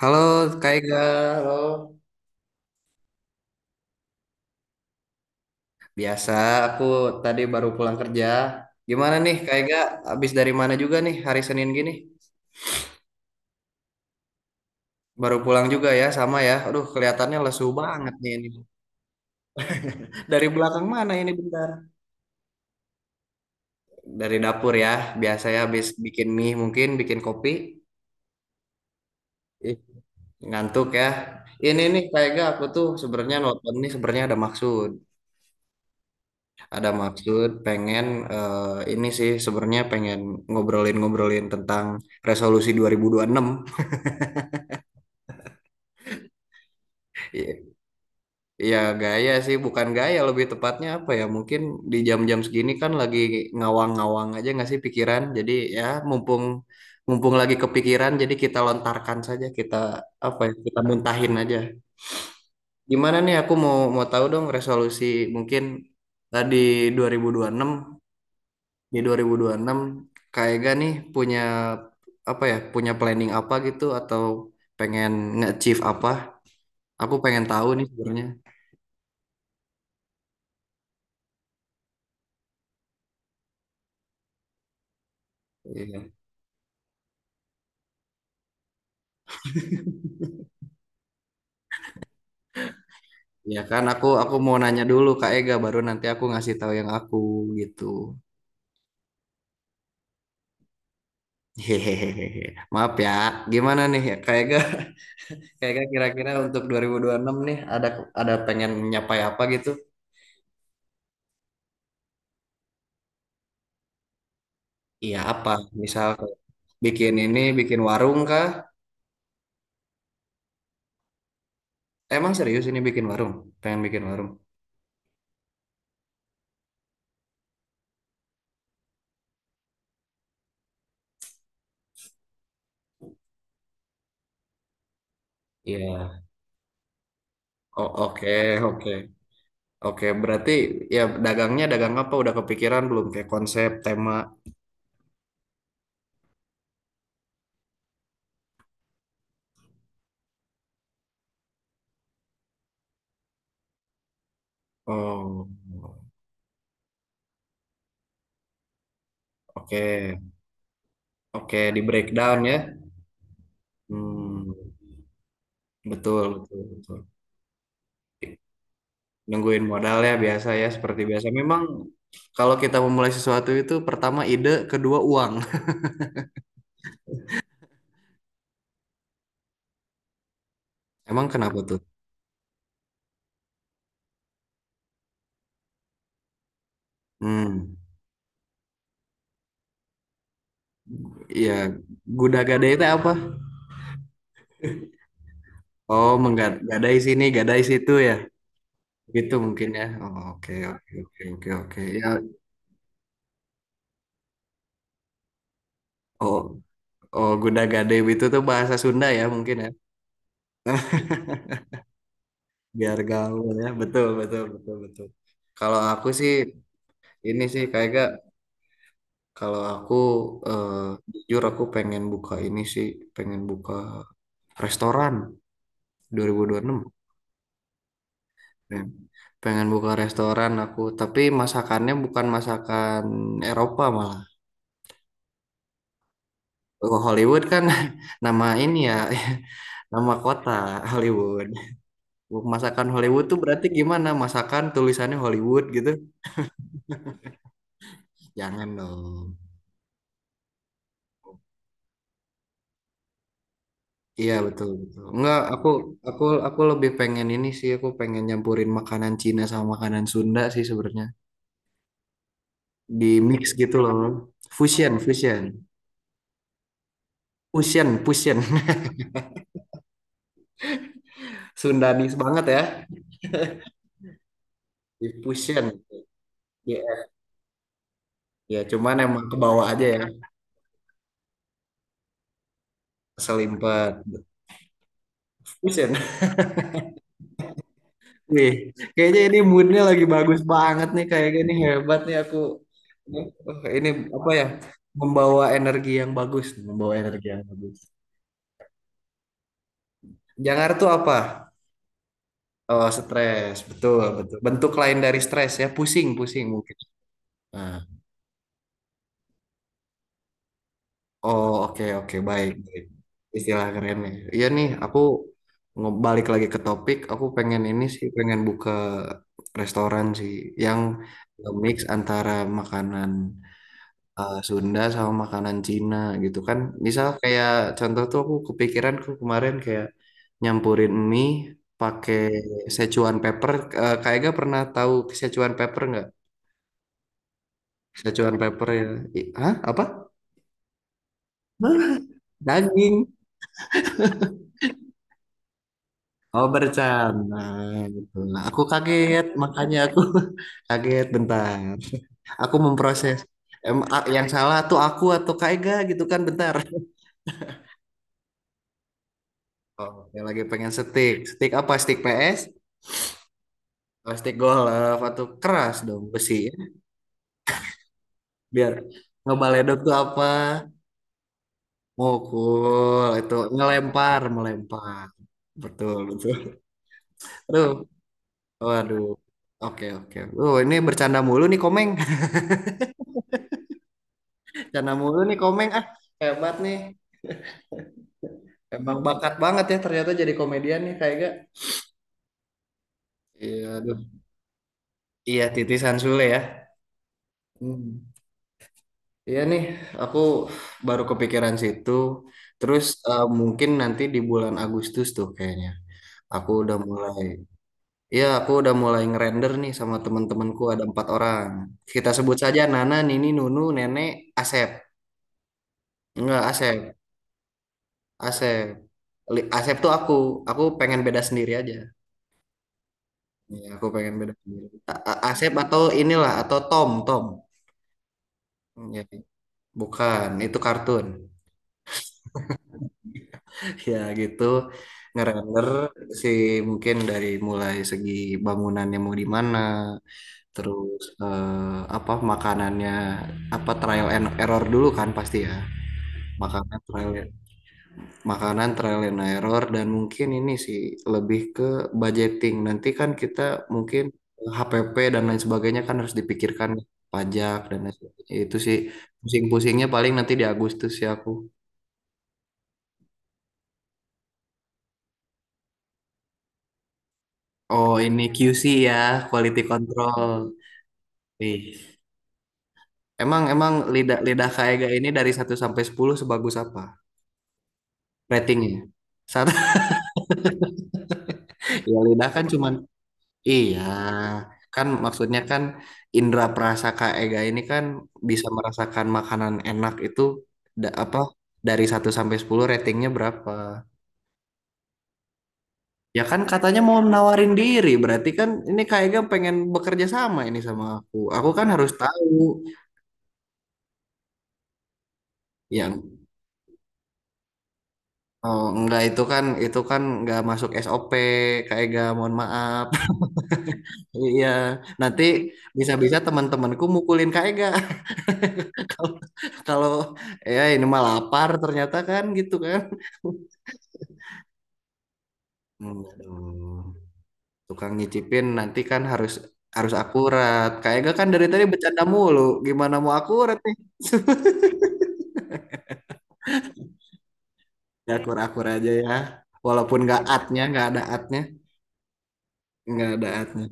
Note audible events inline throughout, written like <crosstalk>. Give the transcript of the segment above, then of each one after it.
Halo Kak Ega, halo. Biasa, aku tadi baru pulang kerja. Gimana nih Kak Ega, habis dari mana juga nih hari Senin gini? Baru pulang juga ya, sama ya. Aduh, kelihatannya lesu banget nih ini. <laughs> Dari belakang mana ini bentar? Dari dapur ya, biasanya habis bikin mie mungkin, bikin kopi. Ih, ngantuk ya. Ini nih Kak Ega, aku tuh sebenarnya nonton nih sebenarnya ada maksud. Ada maksud pengen eh, ini sih sebenarnya pengen ngobrolin-ngobrolin tentang resolusi 2026. I- Ya gaya sih, bukan gaya lebih tepatnya apa ya? Mungkin di jam-jam segini kan lagi ngawang-ngawang aja nggak sih pikiran. Jadi ya mumpung mumpung lagi kepikiran, jadi kita lontarkan saja, kita apa ya? Kita muntahin aja. Gimana nih aku mau mau tahu dong resolusi mungkin tadi 2026, di 2026 Kak Ega nih punya apa ya, punya planning apa gitu atau pengen nge-achieve apa, aku pengen tahu nih sebenarnya. Iya, ya kan aku mau nanya dulu Kak Ega baru nanti aku ngasih tahu yang aku gitu. Hehehe, maaf ya. Gimana nih ya Kak Ega, <laughs> Kak Ega kira-kira untuk 2026 nih ada pengen nyapai apa gitu, iya apa misal kayak bikin ini, bikin warung kah? Emang serius ini bikin warung, pengen bikin warung? Iya. Oh, oke, oke. Oke, berarti ya dagangnya, dagang apa udah kepikiran belum kayak konsep, tema? Oh. Oke. Oke, di breakdown ya. Hmm, betul, betul, betul. Nungguin modal ya biasa ya seperti biasa. Memang kalau kita memulai sesuatu itu pertama ide, kedua uang. <laughs> Emang kenapa tuh? Hmm, ya guda-gada itu apa? Oh, menggadai sini, gadai situ ya. Gitu mungkin ya. Oh, oke, oke, oke, oke, oke. Ya, oh. Oh, Gudagade itu tuh bahasa Sunda ya mungkin ya, biar gaul ya. Betul, betul, betul, betul. Kalau aku sih ini sih kayak gak, kalau aku eh, jujur aku pengen buka ini sih, pengen buka restoran 2026. Pengen, pengen buka restoran aku, tapi masakannya bukan masakan Eropa malah. Oh, Hollywood kan, <laughs> nama ini ya, <laughs> nama kota Hollywood. Masakan Hollywood tuh berarti gimana? Masakan tulisannya Hollywood gitu. Jangan dong. Iya betul betul. Enggak, aku lebih pengen ini sih, aku pengen nyampurin makanan Cina sama makanan Sunda sih sebenarnya. Di mix gitu loh. Fusion, fusion. Fusion, fusion. <laughs> Sundanis banget ya. Di fusion. Iya, ya cuman emang ke bawah aja ya. Selimpet. Fusion. <laughs> Wih, kayaknya ini moodnya lagi bagus banget nih kayak gini, hebat nih aku. Wah, ini apa ya? Membawa energi yang bagus, membawa energi yang bagus. Jangar tuh apa? Oh, stres. Betul, betul. Bentuk lain dari stres ya, pusing, pusing mungkin. Nah, oh, oke, oke, baik, baik. Istilah keren nih. Iya nih, aku balik lagi ke topik. Aku pengen ini sih, pengen buka restoran sih yang mix antara makanan Sunda sama makanan Cina gitu kan. Misal kayak contoh tuh aku kepikiran aku kemarin kayak nyampurin mie pakai Szechuan pepper. Eh, kayak gak pernah tahu Szechuan pepper nggak? Szechuan pepper ya. Hah? Apa? Hah? Daging. Oh bercanda gitu. Nah, aku kaget makanya aku <laughs> kaget bentar. Aku memproses. Yang salah tuh aku atau Kak Ega gitu kan bentar. <laughs> Oh, yang lagi pengen steak. Steak apa? Steak PS? Plastik golf atau keras dong besi ya. Biar ngebaledot tuh apa? Mukul itu ngelempar, melempar. Betul, betul. Aduh, waduh. Oke, oke. Ini bercanda mulu nih Komeng. <laughs> Bercanda mulu nih Komeng. Ah, hebat nih. Emang bakat banget ya ternyata jadi komedian nih kayak gak? Iya, aduh. Iya, titisan Sule ya. Hmm. Iya nih, aku baru kepikiran situ. Terus mungkin nanti di bulan Agustus tuh kayaknya. Aku udah mulai. Iya, aku udah mulai ngerender nih sama teman-temanku ada 4 orang. Kita sebut saja Nana, Nini, Nunu, Nenek, Asep. Enggak, Asep. Asep. Asep tuh aku. Aku pengen beda sendiri aja. Iya, aku pengen beda sendiri. Asep atau inilah, atau Tom, Tom. Iya, bukan, itu kartun. <laughs> Ya gitu, ngerender sih mungkin dari mulai segi bangunannya mau di mana, terus apa makanannya apa trial and error dulu kan pasti ya. Makanan trial Makanan trial and error dan mungkin ini sih lebih ke budgeting. Nanti kan kita mungkin HPP dan lain sebagainya kan harus dipikirkan, pajak dan lain sebagainya. Itu sih pusing-pusingnya paling nanti di Agustus ya aku. Oh, ini QC ya, quality control. Ih. Emang emang lidah lidah Kak Ega ini dari satu sampai 10 sebagus apa ratingnya? Satu. <laughs> Ya lidah kan cuman iya kan maksudnya kan indra prasaka ega ini kan bisa merasakan makanan enak itu apa dari satu sampai 10 ratingnya berapa? Ya kan katanya mau menawarin diri, berarti kan ini Kak Ega pengen bekerja sama ini sama aku. Aku kan harus tahu. Ya oh, enggak itu kan itu kan enggak masuk SOP Kak Ega, mohon maaf. <laughs> Iya, nanti bisa-bisa teman-temanku mukulin Kak Ega. <laughs> Kalau ya ini mah lapar ternyata kan gitu kan. Hmm, aduh. Tukang nyicipin nanti kan harus harus akurat. Kayak gak kan dari tadi bercanda mulu. Gimana mau akurat nih? Ya akur-akur aja ya. Walaupun gak atnya, nggak ada atnya, nggak ada atnya.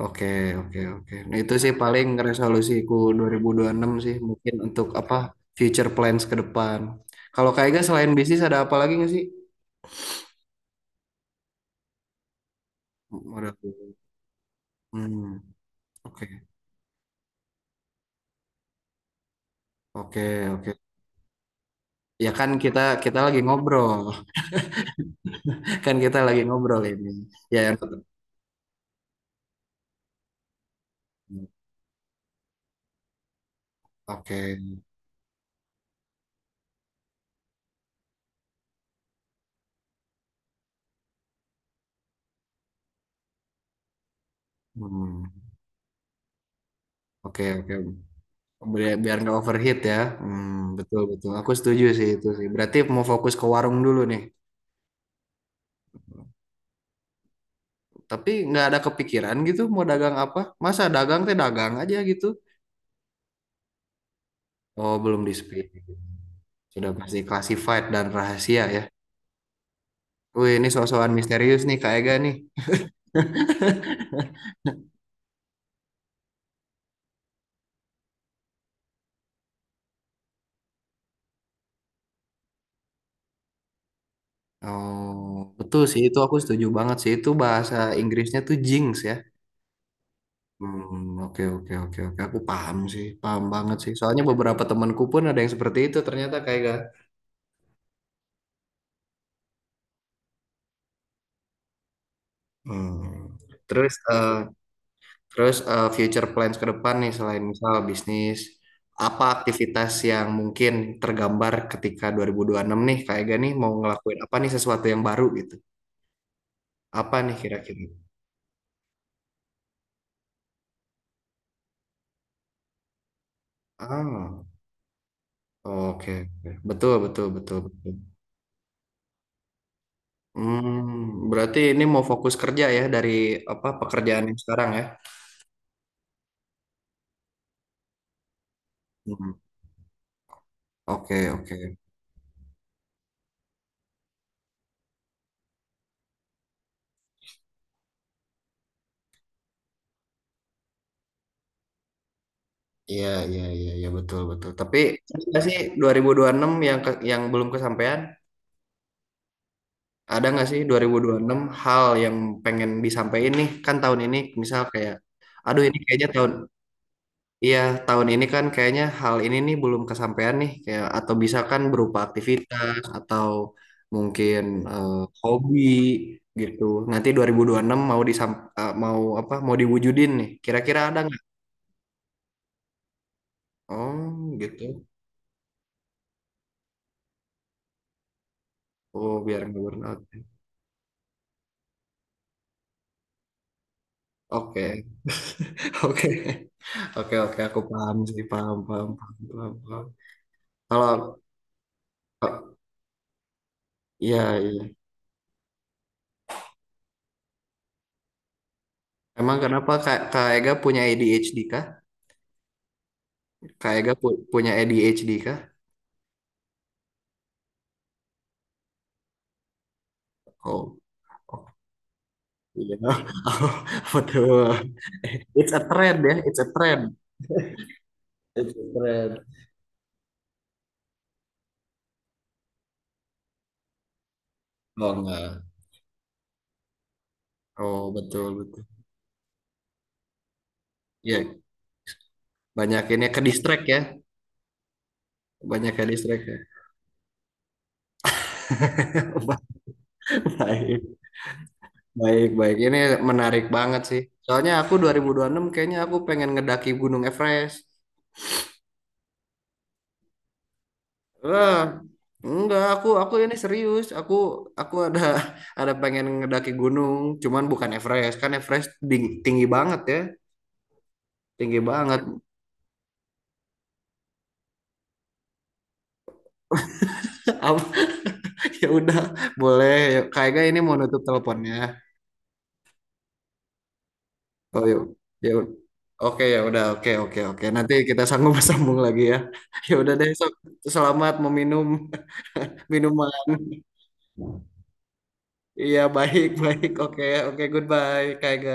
Oke, oke, oke. Nah, itu sih paling resolusiku 2026 sih mungkin untuk apa future plans ke depan. Kalau Kak Ega selain bisnis ada apa lagi nggak sih? Modal. Hmm, oke, oke, oke. Ya kan kita kita lagi ngobrol. <laughs> Kan kita lagi ngobrol ini. Ya yang oke. Hmm. Oke, oke. Biar biar nggak overheat ya. Hmm, betul betul. Aku setuju sih itu sih. Berarti mau fokus ke warung dulu nih. Tapi nggak ada kepikiran gitu mau dagang apa? Masa dagang teh dagang aja gitu. Oh, belum di speed. Sudah pasti classified dan rahasia ya. Wih, ini sok-sokan misterius nih Kak Ega nih. <laughs> Oh, betul sih itu aku setuju banget sih. Itu bahasa Inggrisnya tuh jinx ya. Hmm, oke oke oke oke aku paham sih paham banget sih soalnya beberapa temanku pun ada yang seperti itu ternyata kayak gak. Hmm. Terus eh, terus future plans ke depan nih selain misal bisnis apa aktivitas yang mungkin tergambar ketika 2026 nih kayak gak nih mau ngelakuin apa nih sesuatu yang baru gitu, apa nih kira-kira? Ah, oke oke. Betul betul betul betul. Hmm, berarti ini mau fokus kerja ya dari apa pekerjaan yang sekarang ya. Hmm. Oke, oke. Iya, iya, iya, iya betul, betul. Tapi ada nggak sih 2026 yang yang belum kesampaian? Ada nggak sih 2026 hal yang pengen disampaikan nih? Kan tahun ini misal kayak, aduh ini kayaknya tahun, iya tahun ini kan kayaknya hal ini nih belum kesampaian nih. Kayak atau bisa kan berupa aktivitas atau mungkin eh, hobi gitu. Nanti 2026 mau mau apa? Mau diwujudin nih. Kira-kira ada nggak? Oh gitu. Oh biar nggak burnout. Oke. Oke, oke, oke, aku paham sih, paham, paham, paham, paham, paham. Kalau, ya, iya, iya. Emang kenapa Kak, Kak Ega punya ADHD kah? Kak Ega punya ADHD kah? Oh, oh, iya, <laughs> betul. It's a trend ya, it's a trend. It's a trend. Oh enggak. Oh betul betul. Iya, banyak ini ke distract ya, banyak ke distract ya. <laughs> Baik. Baik, baik. Ini menarik banget sih. Soalnya aku 2026 kayaknya aku pengen ngedaki Gunung Everest. Wah, enggak, aku ini serius. Aku ada <laughs> ada pengen ngedaki gunung, cuman bukan Everest. Kan Everest tinggi banget ya. Tinggi banget. <laughs> Apa- Ya udah, boleh. Ya, kayaknya ini mau nutup teleponnya. Oh, yuk. Ya. Oke, ya udah. Oke, oke, oke. Nanti kita sanggup <laughs> sambung lagi ya. <laughs> Ya udah deh, sok. Selamat meminum <laughs> minuman. Iya, baik, baik. Oke, oke, goodbye, Kak Ega.